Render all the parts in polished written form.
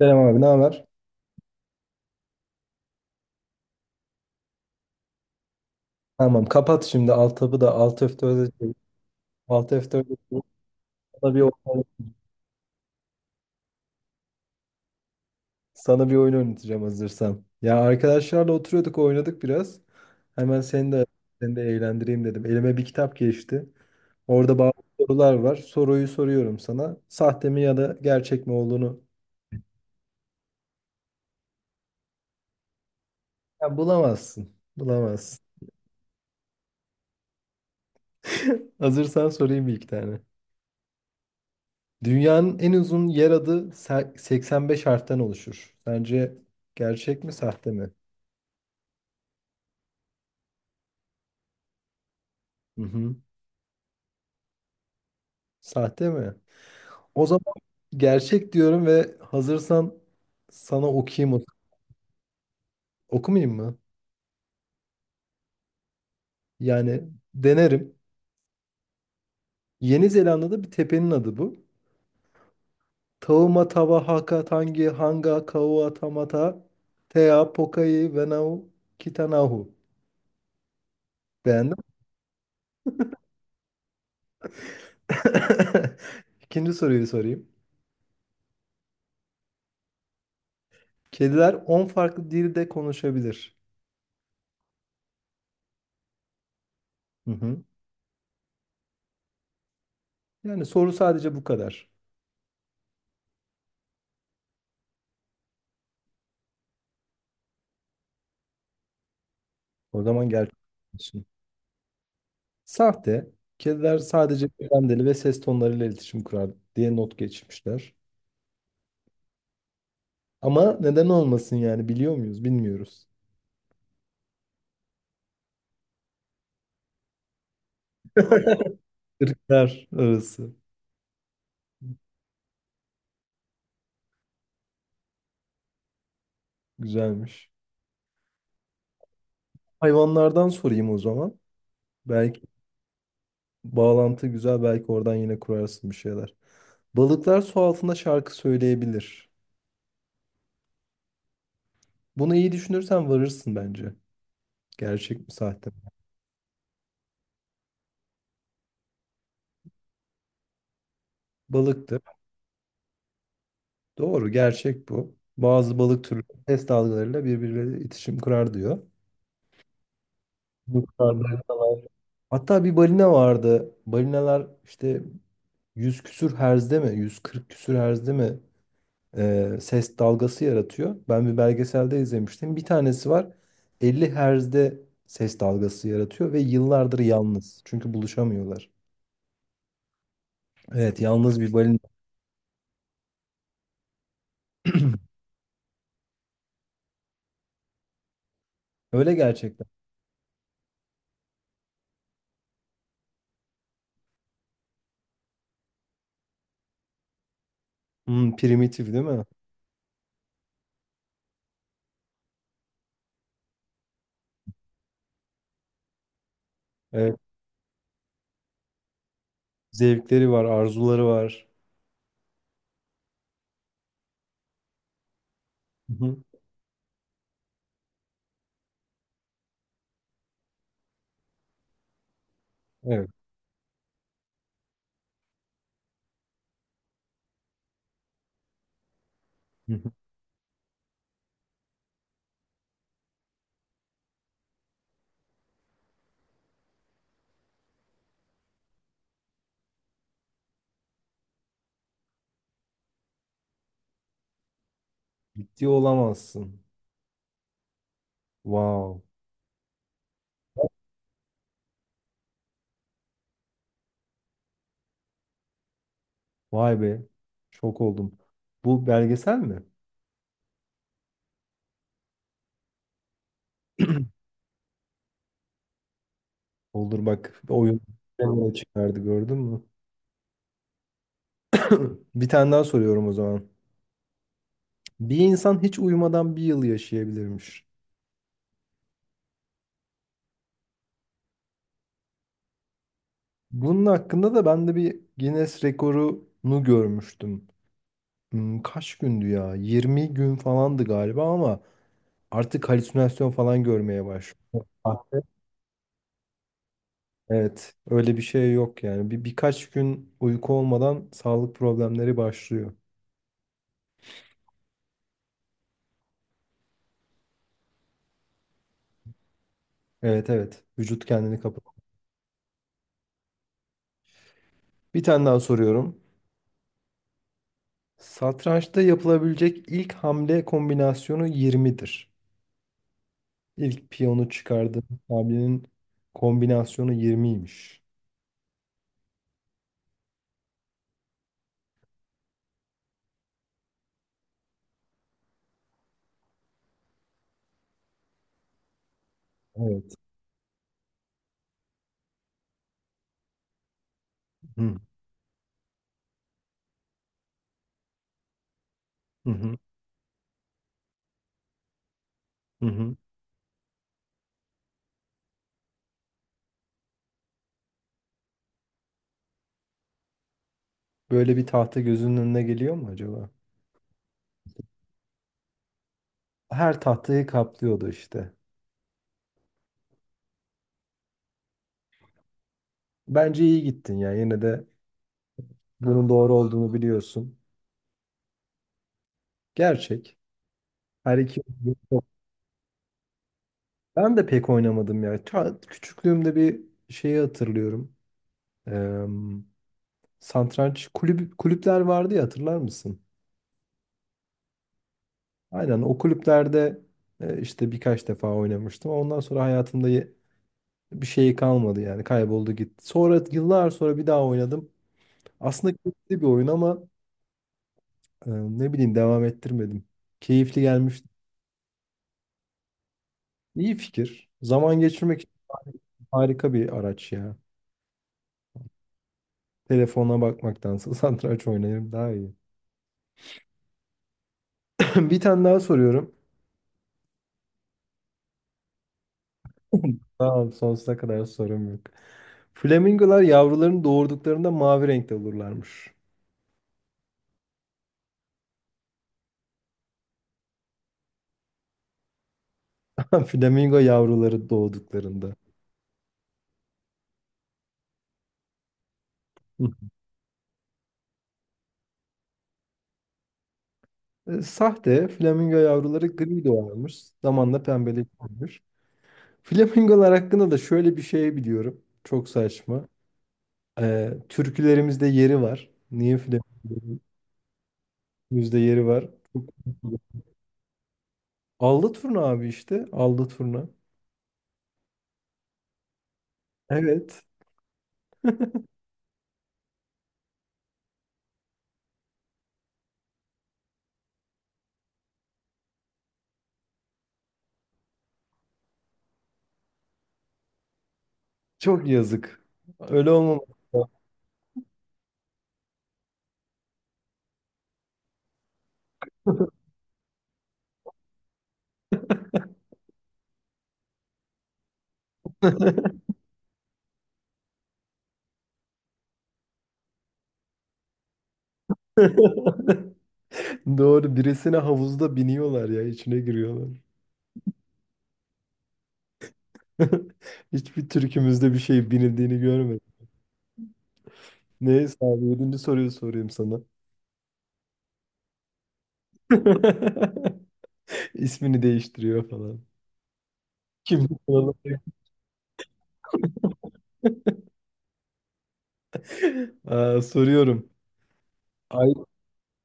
Selam abi, ne haber? Tamam, kapat şimdi alt tabı da alt F4'e çevir. Alt F4'e çevir. sana bir oyun, Sana bir oyun oynatacağım hazırsan. Ya arkadaşlarla oturuyorduk, oynadık biraz. Hemen seni de eğlendireyim dedim. Elime bir kitap geçti. Orada bazı sorular var. Soruyu soruyorum sana. Sahte mi ya da gerçek mi olduğunu ya bulamazsın. Bulamazsın. Hazırsan sorayım bir iki tane. Dünyanın en uzun yer adı 85 harften oluşur. Sence gerçek mi, sahte mi? Hı hı. Sahte mi? O zaman gerçek diyorum ve hazırsan sana okuyayım. Okumayayım mı? Yani denerim. Yeni Zelanda'da bir tepenin adı bu. Tauma Tava Haka Tangi Hanga Kaua Tamata Tea Pokai Venau Kitanahu. Beğendin mi? İkinci soruyu sorayım. Kediler 10 farklı dilde konuşabilir. Hı hı. Yani soru sadece bu kadar. O zaman gerçek. Sahte. Kediler sadece beden ve ses tonlarıyla iletişim kurar diye not geçmişler. Ama neden olmasın, yani biliyor muyuz? Bilmiyoruz. Irklar arası. Güzelmiş. Hayvanlardan sorayım o zaman. Belki bağlantı güzel, belki oradan yine kurarsın bir şeyler. Balıklar su altında şarkı söyleyebilir. Bunu iyi düşünürsen varırsın bence. Gerçek mi sahte mi? Balıktır. Doğru, gerçek bu. Bazı balık türleri ses dalgalarıyla birbirleriyle iletişim kurar diyor. Bu Hatta bir balina vardı. Balinalar işte 100 küsür herzde mi? 140 küsür herzde mi? Ses dalgası yaratıyor. Ben bir belgeselde izlemiştim. Bir tanesi var. 50 herzde ses dalgası yaratıyor ve yıllardır yalnız. Çünkü buluşamıyorlar. Evet, yalnız bir balina. Öyle gerçekten. Hmm, primitif değil mi? Evet. Zevkleri var, arzuları var. Hı hı. Evet. Hı hı. Ciddi olamazsın. Wow. Vay be. Şok oldum. Bu belgesel mi? Olur, bak oyun nereye çıkardı, gördün mü? Bir tane daha soruyorum o zaman. Bir insan hiç uyumadan bir yıl yaşayabilirmiş. Bunun hakkında da ben de bir Guinness rekorunu görmüştüm. Hmm, kaç gündü ya? 20 gün falandı galiba ama artık halüsinasyon falan görmeye başlıyor. Ah, evet, öyle bir şey yok yani. Birkaç gün uyku olmadan sağlık problemleri başlıyor. Evet evet, vücut kendini kapatıyor. Bir tane daha soruyorum. Satrançta yapılabilecek ilk hamle kombinasyonu 20'dir. İlk piyonu çıkardığım hamlenin kombinasyonu 20'ymiş. Evet. Hı hı hı. Hı hı. Böyle bir tahta gözünün önüne geliyor mu acaba? Her tahtayı kaplıyordu işte. Bence iyi gittin ya. Yine de bunun doğru olduğunu biliyorsun. Gerçek. Her iki. Ben de pek oynamadım ya. Küçüklüğümde bir şeyi hatırlıyorum. Eee Satranç kulüpler vardı ya, hatırlar mısın? Aynen o kulüplerde işte birkaç defa oynamıştım. Ondan sonra hayatımda bir şey kalmadı, yani kayboldu gitti. Sonra yıllar sonra bir daha oynadım. Aslında keyifli bir oyun ama ne bileyim, devam ettirmedim. Keyifli gelmişti. İyi fikir. Zaman geçirmek için harika bir araç ya. Telefona bakmaktansa satranç oynayayım daha iyi. Bir tane daha soruyorum. Tamam, sonsuza kadar sorum yok. Flamingolar yavrularını doğurduklarında mavi renkte olurlarmış. Flamingo yavruları doğduklarında. Hı. Sahte, flamingo yavruları gri doğarmış. Zamanla pembeleşmiş. Flamingolar hakkında da şöyle bir şey biliyorum. Çok saçma. Türkülerimizde yeri var. Niye flamingolarımızda yeri var? Çok... Allı turna abi işte. Allı turna. Evet. Çok yazık. Öyle olmaması lazım. Doğru. Birisine havuzda biniyorlar ya. İçine giriyorlar. Hiçbir türkümüzde bir şey binildiğini görmedim. Neyse abi. Yedinci soruyu sorayım sana. İsmini değiştiriyor falan. Kimlik falan. Aa, soruyorum. Ay,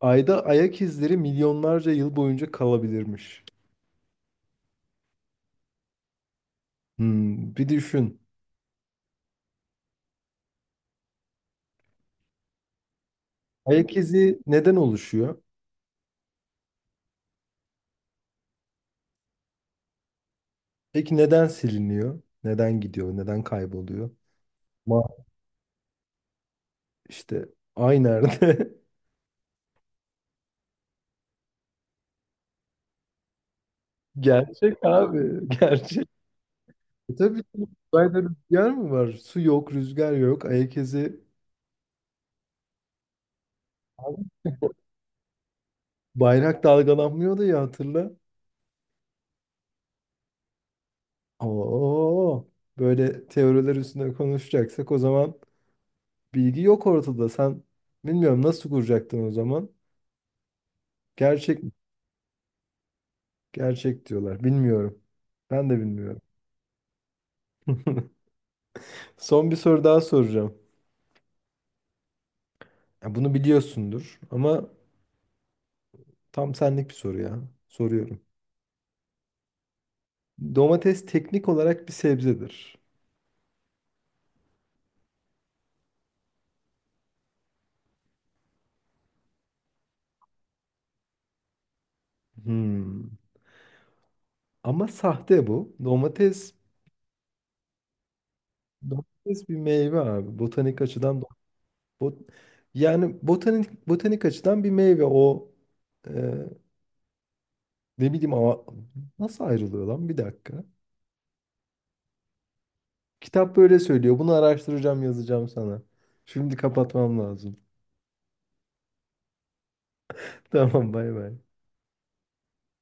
Ayda ayak izleri milyonlarca yıl boyunca kalabilirmiş. Hmm, bir düşün. Ayak izi neden oluşuyor? Peki neden siliniyor? Neden gidiyor? Neden kayboluyor? Ma işte ay nerede? Gerçek abi. Gerçek. E tabii ki, uzayda rüzgar mı var? Su yok, rüzgar yok. Ayak izi. Abi, bayrak dalgalanmıyordu ya, hatırla. Oo, böyle teoriler üstüne konuşacaksak o zaman bilgi yok ortada. Sen bilmiyorum nasıl kuracaktın o zaman? Gerçek gerçek diyorlar. Bilmiyorum. Ben de bilmiyorum. Son bir soru daha soracağım. Ya bunu biliyorsundur ama tam senlik bir soru ya. Soruyorum. Domates teknik olarak bir sebzedir. Hmm. Ama sahte bu. Domates bir meyve abi. Botanik açıdan. Bot Yani botanik açıdan bir meyve o. e, Ne bileyim ama nasıl ayrılıyor lan, bir dakika. Kitap böyle söylüyor. Bunu araştıracağım, yazacağım sana. Şimdi kapatmam lazım. Tamam, bay bay.